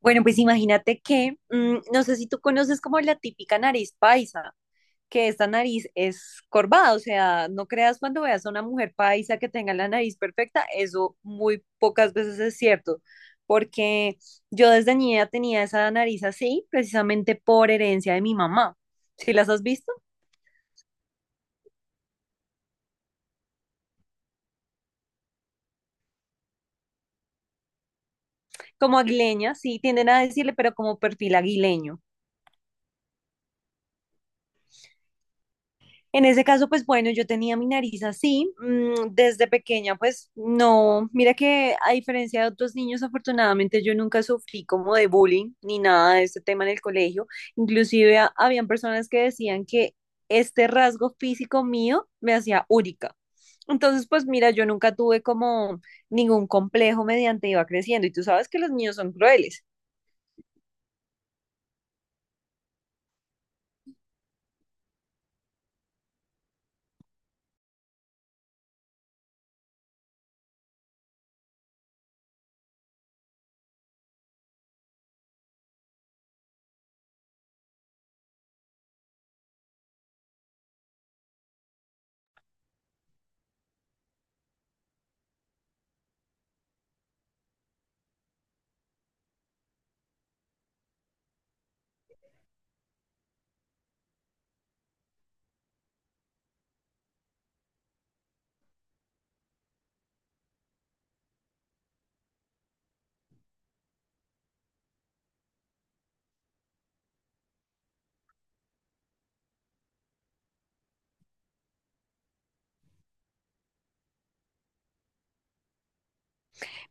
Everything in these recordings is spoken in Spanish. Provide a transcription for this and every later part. Bueno, pues imagínate que, no sé si tú conoces como la típica nariz paisa, que esta nariz es corvada, o sea, no creas cuando veas a una mujer paisa que tenga la nariz perfecta, eso muy pocas veces es cierto, porque yo desde niña tenía esa nariz así, precisamente por herencia de mi mamá. ¿Sí las has visto? Como aguileña, sí, tienden a decirle, pero como perfil aguileño. En ese caso, pues bueno, yo tenía mi nariz así, desde pequeña, pues no, mira que a diferencia de otros niños, afortunadamente yo nunca sufrí como de bullying ni nada de este tema en el colegio. Inclusive habían personas que decían que este rasgo físico mío me hacía úrica. Entonces, pues mira, yo nunca tuve como ningún complejo mediante iba creciendo y tú sabes que los niños son crueles.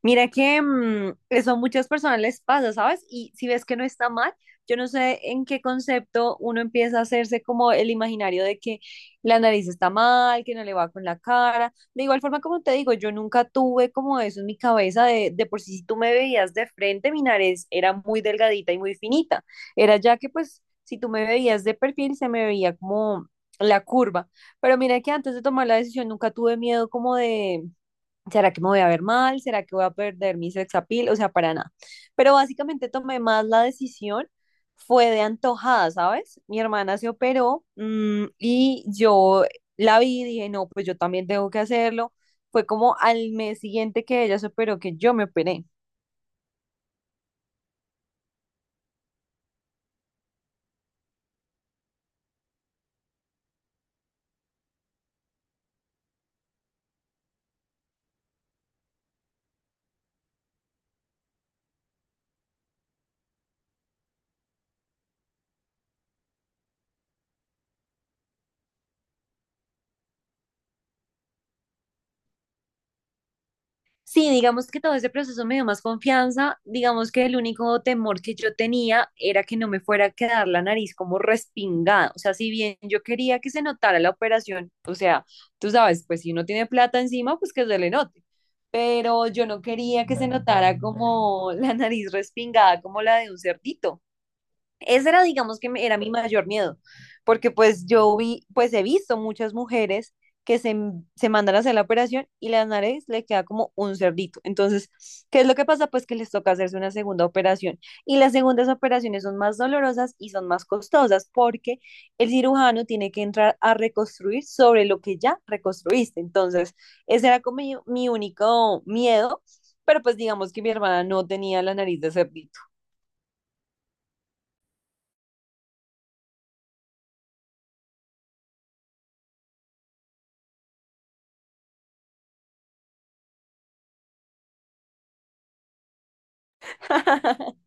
Mira que eso a muchas personas les pasa, ¿sabes? Y si ves que no está mal, yo no sé en qué concepto uno empieza a hacerse como el imaginario de que la nariz está mal, que no le va con la cara. De igual forma, como te digo, yo nunca tuve como eso en mi cabeza de por sí, si tú me veías de frente, mi nariz era muy delgadita y muy finita. Era ya que pues si tú me veías de perfil, se me veía como la curva. Pero mira que antes de tomar la decisión nunca tuve miedo como de ¿será que me voy a ver mal? ¿Será que voy a perder mi sex appeal? O sea, para nada. Pero básicamente tomé más la decisión, fue de antojada, ¿sabes? Mi hermana se operó, y yo la vi y dije, no, pues yo también tengo que hacerlo. Fue como al mes siguiente que ella se operó que yo me operé. Sí, digamos que todo ese proceso me dio más confianza. Digamos que el único temor que yo tenía era que no me fuera a quedar la nariz como respingada. O sea, si bien yo quería que se notara la operación, o sea, tú sabes, pues si uno tiene plata encima, pues que se le note. Pero yo no quería que se notara como la nariz respingada, como la de un cerdito. Ese era, digamos, que era mi mayor miedo, porque pues yo vi, pues he visto muchas mujeres que se, se mandan a hacer la operación y la nariz le queda como un cerdito. Entonces, ¿qué es lo que pasa? Pues que les toca hacerse una segunda operación. Y las segundas operaciones son más dolorosas y son más costosas porque el cirujano tiene que entrar a reconstruir sobre lo que ya reconstruiste. Entonces, ese era como mi único miedo, pero pues digamos que mi hermana no tenía la nariz de cerdito.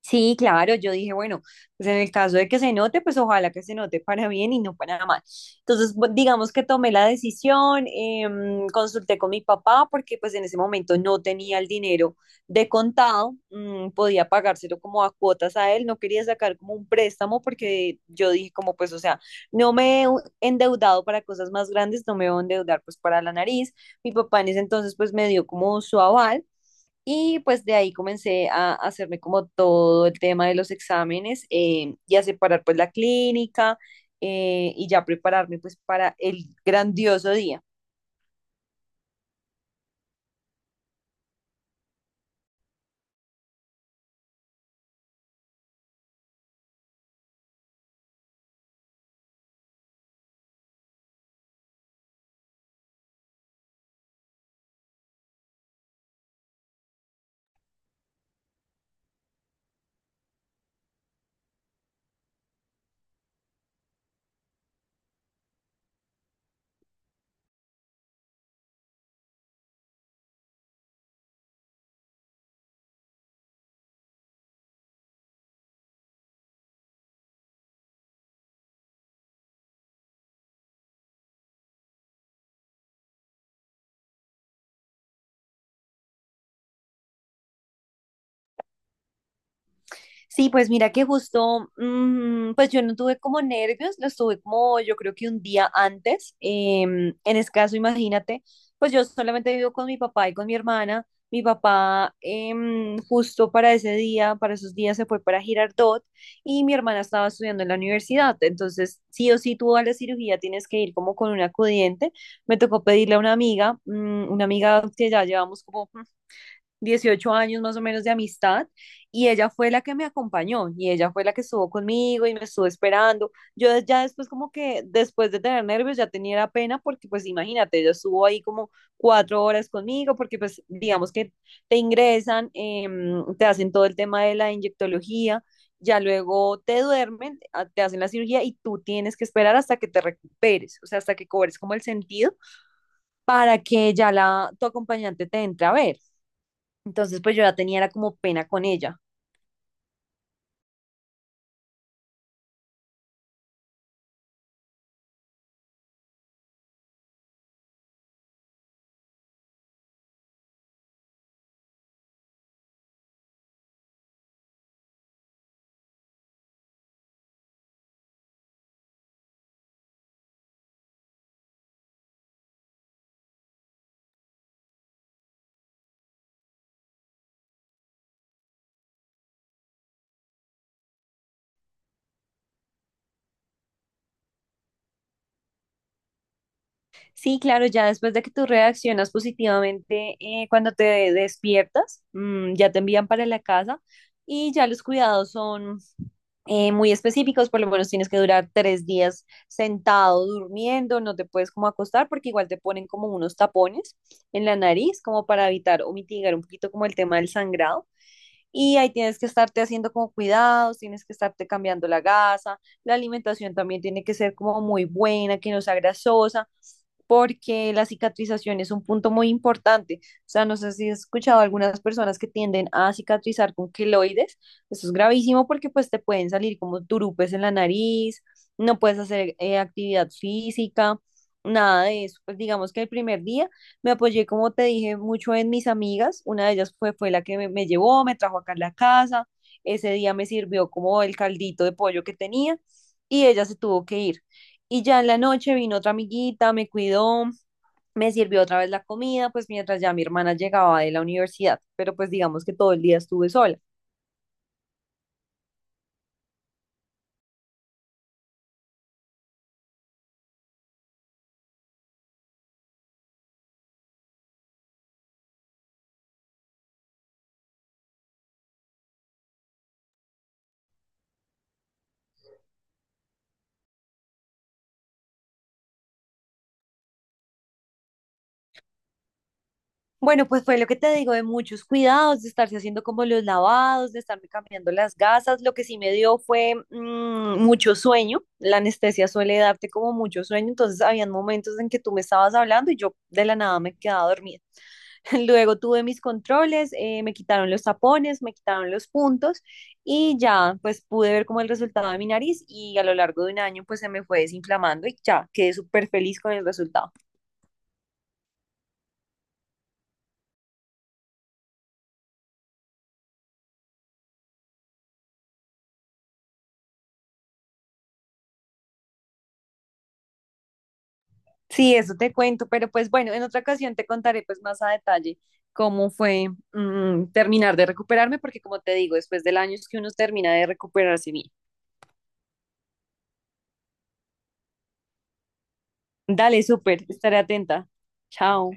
Sí, claro, yo dije, bueno, pues en el caso de que se note, pues ojalá que se note para bien y no para mal. Entonces, digamos que tomé la decisión, consulté con mi papá porque pues en ese momento no tenía el dinero de contado, podía pagárselo como a cuotas a él, no quería sacar como un préstamo porque yo dije como pues, o sea, no me he endeudado para cosas más grandes, no me voy a endeudar pues para la nariz. Mi papá en ese entonces pues me dio como su aval. Y pues de ahí comencé a hacerme como todo el tema de los exámenes, y a separar pues la clínica, y ya prepararme pues para el grandioso día. Sí, pues mira que justo, pues yo no tuve como nervios, los tuve como yo creo que un día antes. En ese caso, imagínate, pues yo solamente vivo con mi papá y con mi hermana. Mi papá, justo para ese día, para esos días se fue para Girardot y mi hermana estaba estudiando en la universidad. Entonces, sí o sí, tú a la cirugía tienes que ir como con un acudiente. Me tocó pedirle a una amiga, una amiga que ya llevamos como 18 años más o menos de amistad y ella fue la que me acompañó y ella fue la que estuvo conmigo y me estuvo esperando. Ya después como que después de tener nervios ya tenía la pena porque pues imagínate, ella estuvo ahí como 4 horas conmigo porque pues digamos que te ingresan, te hacen todo el tema de la inyectología. Ya luego te duermen, te hacen la cirugía y tú tienes que esperar hasta que te recuperes, o sea, hasta que cobres como el sentido para que ya tu acompañante te entre a ver. Entonces, pues yo ya tenía era como pena con ella. Sí, claro, ya después de que tú reaccionas positivamente, cuando te despiertas, ya te envían para la casa y ya los cuidados son muy específicos, por lo menos tienes que durar 3 días sentado durmiendo, no te puedes como acostar porque igual te ponen como unos tapones en la nariz como para evitar o mitigar un poquito como el tema del sangrado. Y ahí tienes que estarte haciendo como cuidados, tienes que estarte cambiando la gasa, la alimentación también tiene que ser como muy buena, que no sea grasosa, porque la cicatrización es un punto muy importante. O sea, no sé si has escuchado algunas personas que tienden a cicatrizar con queloides, eso es gravísimo porque pues te pueden salir como turupes en la nariz, no puedes hacer actividad física, nada de eso. Pues digamos que el primer día me apoyé, como te dije, mucho en mis amigas. Una de ellas fue la que me llevó, me trajo acá a la casa. Ese día me sirvió como el caldito de pollo que tenía y ella se tuvo que ir. Y ya en la noche vino otra amiguita, me cuidó, me sirvió otra vez la comida, pues mientras ya mi hermana llegaba de la universidad. Pero pues digamos que todo el día estuve sola. Bueno, pues fue lo que te digo de muchos cuidados, de estarse haciendo como los lavados, de estarme cambiando las gasas. Lo que sí me dio fue, mucho sueño. La anestesia suele darte como mucho sueño, entonces habían momentos en que tú me estabas hablando y yo de la nada me quedaba dormida. Luego tuve mis controles, me quitaron los tapones, me quitaron los puntos y ya pues pude ver como el resultado de mi nariz y a lo largo de un año pues se me fue desinflamando y ya quedé súper feliz con el resultado. Sí, eso te cuento, pero pues bueno, en otra ocasión te contaré pues más a detalle cómo fue, terminar de recuperarme, porque como te digo, después del año es que uno termina de recuperarse bien. Dale, súper, estaré atenta. Chao.